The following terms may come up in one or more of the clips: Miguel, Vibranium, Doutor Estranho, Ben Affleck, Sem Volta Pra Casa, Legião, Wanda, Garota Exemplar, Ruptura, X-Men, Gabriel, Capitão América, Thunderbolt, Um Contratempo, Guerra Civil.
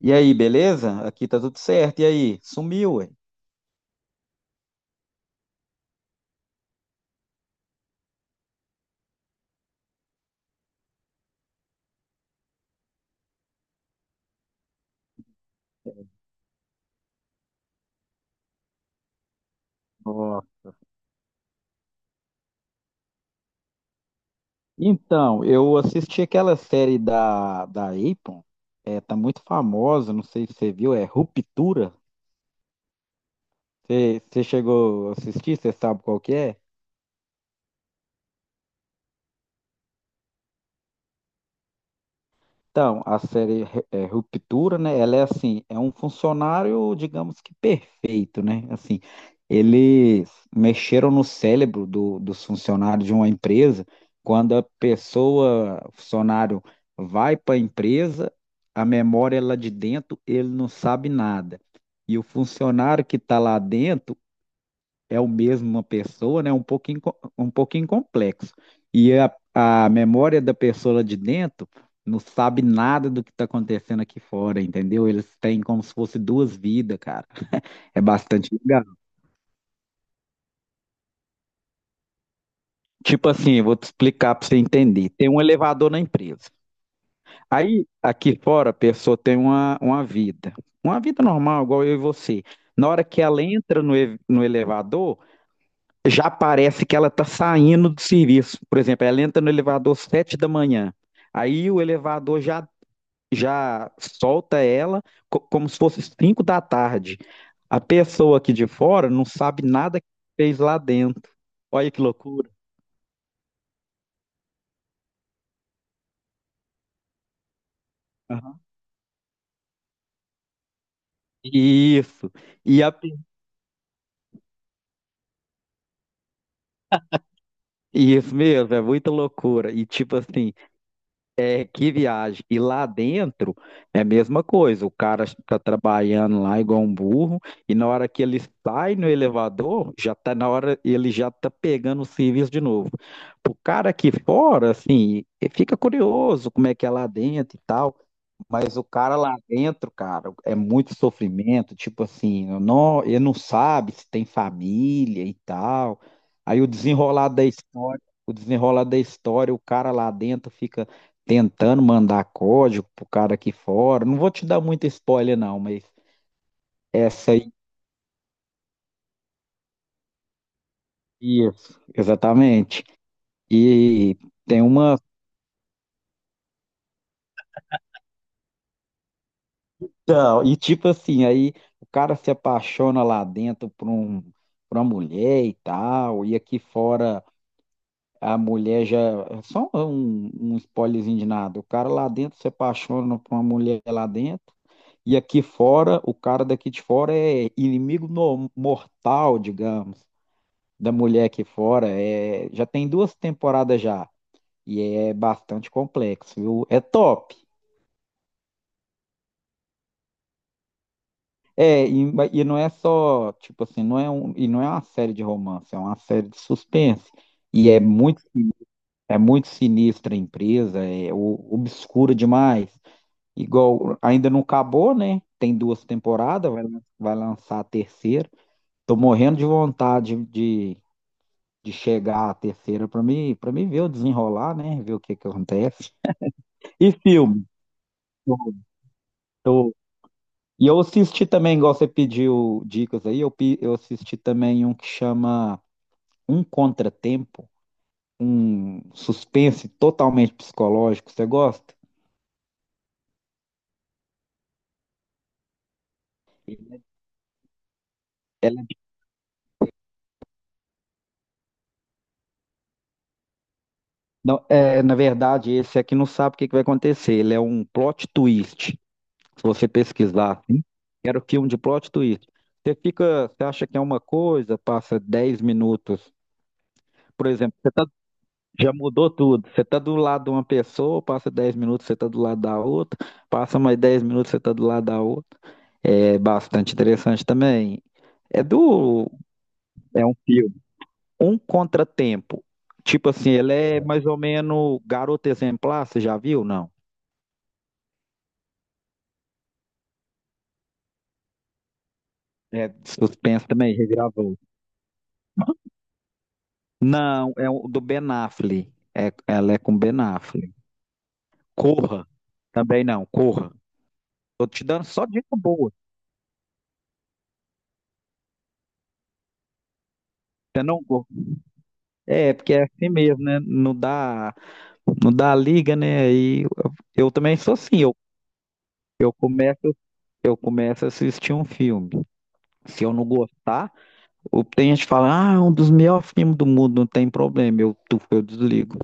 E aí, beleza? Aqui tá tudo certo. E aí? Sumiu, ué. Ó, então, eu assisti aquela série da Apple, tá muito famosa, não sei se você viu, é Ruptura. Você chegou a assistir, você sabe qual que é? Então, a série Ruptura, né? Ela é assim, é um funcionário, digamos que perfeito, né? Assim, eles mexeram no cérebro dos funcionários de uma empresa. Quando a pessoa, o funcionário, vai para a empresa, a memória é lá de dentro, ele não sabe nada. E o funcionário que está lá dentro é o mesmo uma pessoa, né? Um pouquinho, um pouquinho complexo. E a memória da pessoa lá de dentro não sabe nada do que está acontecendo aqui fora, entendeu? Eles têm como se fosse duas vidas, cara. É bastante legal. Tipo assim, eu vou te explicar para você entender. Tem um elevador na empresa. Aí, aqui fora, a pessoa tem uma vida. Uma vida normal, igual eu e você. Na hora que ela entra no elevador, já parece que ela está saindo do serviço. Por exemplo, ela entra no elevador às 7 da manhã. Aí o elevador já solta ela como se fosse 5 da tarde. A pessoa aqui de fora não sabe nada que fez lá dentro. Olha que loucura. Aham. Isso. E isso mesmo, é muita loucura. E tipo assim, véi, que viagem. E lá dentro é a mesma coisa. O cara tá trabalhando lá igual um burro, e na hora que ele sai no elevador, já tá na hora, ele já tá pegando o serviço de novo. O cara aqui fora, assim, fica curioso como é que é lá dentro e tal. Mas o cara lá dentro, cara, é muito sofrimento, tipo assim, eu não, ele não sabe se tem família e tal. Aí o desenrolar da história, o desenrolar da história, o cara lá dentro fica tentando mandar código pro cara aqui fora. Não vou te dar muito spoiler não, mas essa aí, isso, exatamente. E tem uma, e tipo assim, aí o cara se apaixona lá dentro por uma mulher e tal, e aqui fora a mulher já. Só um spoilerzinho de nada. O cara lá dentro se apaixona por uma mulher lá dentro. E aqui fora, o cara daqui de fora é inimigo mortal, digamos, da mulher aqui fora. É, já tem duas temporadas já. E é bastante complexo, viu? É top. É, e não é só, tipo assim, e não é uma série de romance, é uma série de suspense. E é é muito sinistra a empresa, é obscura demais. Igual, ainda não acabou, né? Tem duas temporadas, vai lançar a terceira. Tô morrendo de vontade de chegar à terceira para mim ver o desenrolar, né? Ver o que que acontece. E filme? Tô- tô- E eu assisti também, igual você pediu dicas aí, eu assisti também um que chama Um Contratempo, um suspense totalmente psicológico. Você gosta? Ela- é, não, é, na verdade, esse aqui não sabe o que que vai acontecer. Ele é um plot twist. Se você pesquisar assim, era o filme de plot twist. Você fica, você acha que é uma coisa, passa 10 minutos. Por exemplo, você tá, já mudou tudo. Você tá do lado de uma pessoa, passa 10 minutos, você tá do lado da outra, passa mais 10 minutos, você tá do lado da outra. É bastante interessante também. É do, é um filme. Um contratempo. Tipo assim, ele é mais ou menos Garota Exemplar, você já viu? Não. É de suspense também, regravou. Não, é o do Ben Affleck. É, ela é com Ben Affleck. Corra. Também não, corra. Tô te dando só dica boa. Você não... go- É, porque é assim mesmo, né? Não dá liga, né? Eu também sou assim. Eu começo, eu começo a assistir um filme. Se eu não gostar, tem gente que fala, ah, é um dos melhores filmes do mundo, não tem problema. Eu desligo.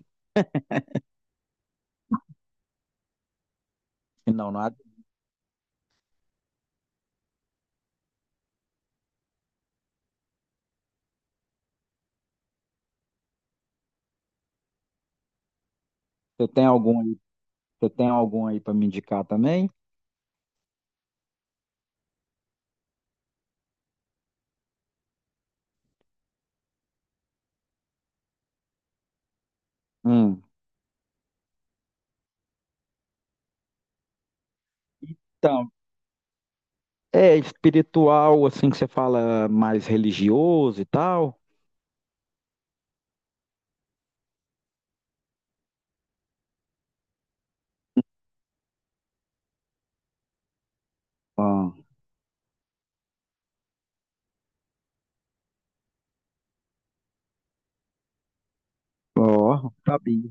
Não, não. Há. Você tem algum aí? Você tem algum aí para me indicar também? Hum, então, é espiritual, assim que você fala, mais religioso e tal? Ó, ó, sabia.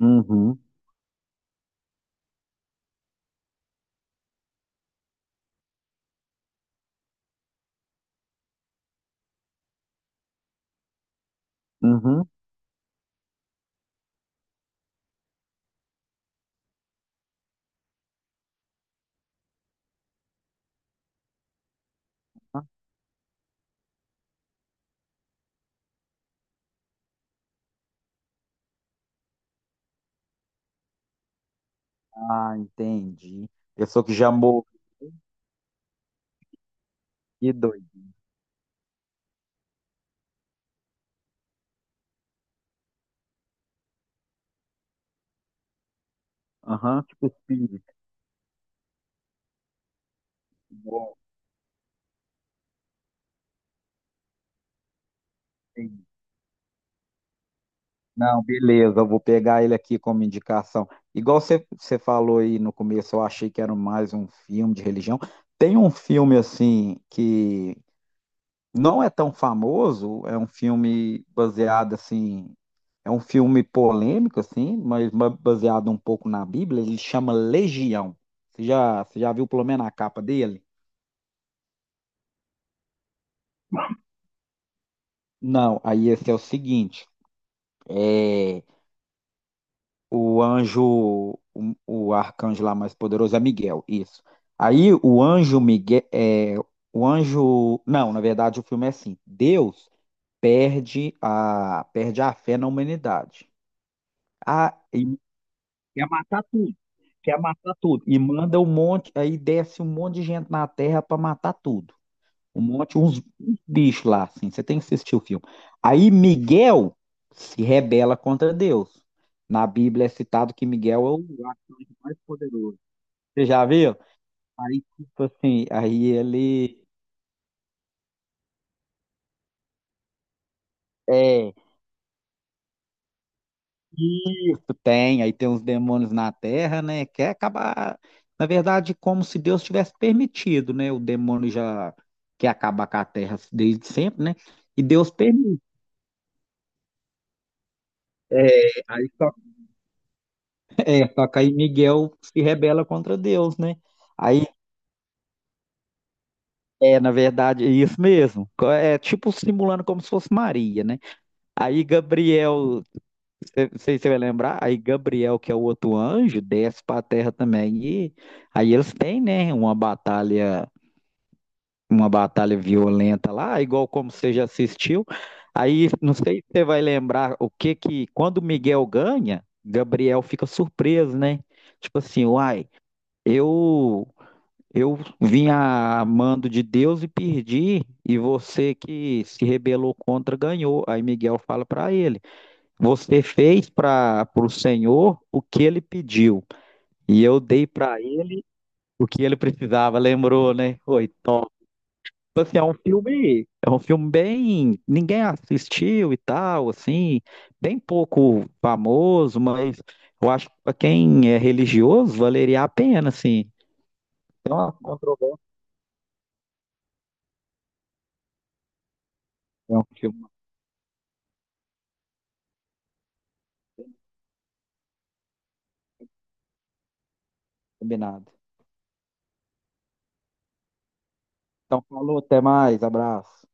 Uhum, uhum. Ah, entendi. Pessoa que já morreu, que doido. Aham, tipo espírito. Igual, entendi. Não, beleza, eu vou pegar ele aqui como indicação. Igual você falou aí no começo, eu achei que era mais um filme de religião. Tem um filme assim que não é tão famoso, é um filme baseado assim, é um filme polêmico assim, mas baseado um pouco na Bíblia, ele chama Legião. Você já viu pelo menos a capa dele? Não, aí esse é o seguinte, é o anjo, o arcanjo lá mais poderoso é Miguel, isso. Aí o anjo Miguel, é, o anjo, não, na verdade o filme é assim, Deus perde a fé na humanidade. Ah, quer matar tudo, quer matar tudo. E manda um monte, aí desce um monte de gente na Terra pra matar tudo. Um monte, uns bichos lá, assim. Você tem que assistir o filme. Aí Miguel se rebela contra Deus. Na Bíblia é citado que Miguel é o arcanjo mais poderoso. Você já viu? Aí, tipo assim, aí ele. É, isso, tem. Aí tem uns demônios na Terra, né? Quer acabar. Na verdade, como se Deus tivesse permitido, né? O demônio já quer acabar com a Terra desde sempre, né? E Deus permite. É, aí só, só que aí Miguel se rebela contra Deus, né? Aí, é, na verdade, é isso mesmo. É tipo simulando como se fosse Maria, né? Aí Gabriel Não sei se você vai lembrar, aí Gabriel, que é o outro anjo, desce para a terra também. E aí eles têm, né, uma batalha violenta lá, igual como você já assistiu. Aí não sei se você vai lembrar o que que quando Miguel ganha, Gabriel fica surpreso, né? Tipo assim, uai, eu eu vim a mando de Deus e perdi, e você que se rebelou contra ganhou. Aí Miguel fala para ele. Você fez para o Senhor o que ele pediu, e eu dei para ele o que ele precisava, lembrou, né? Foi top. Tipo assim, é um filme bem, ninguém assistiu e tal, assim, bem pouco famoso, mas eu acho que para quem é religioso valeria a pena, assim. Então, é uma controvérsia, é um filme combinado. Então, falou, até mais, abraço.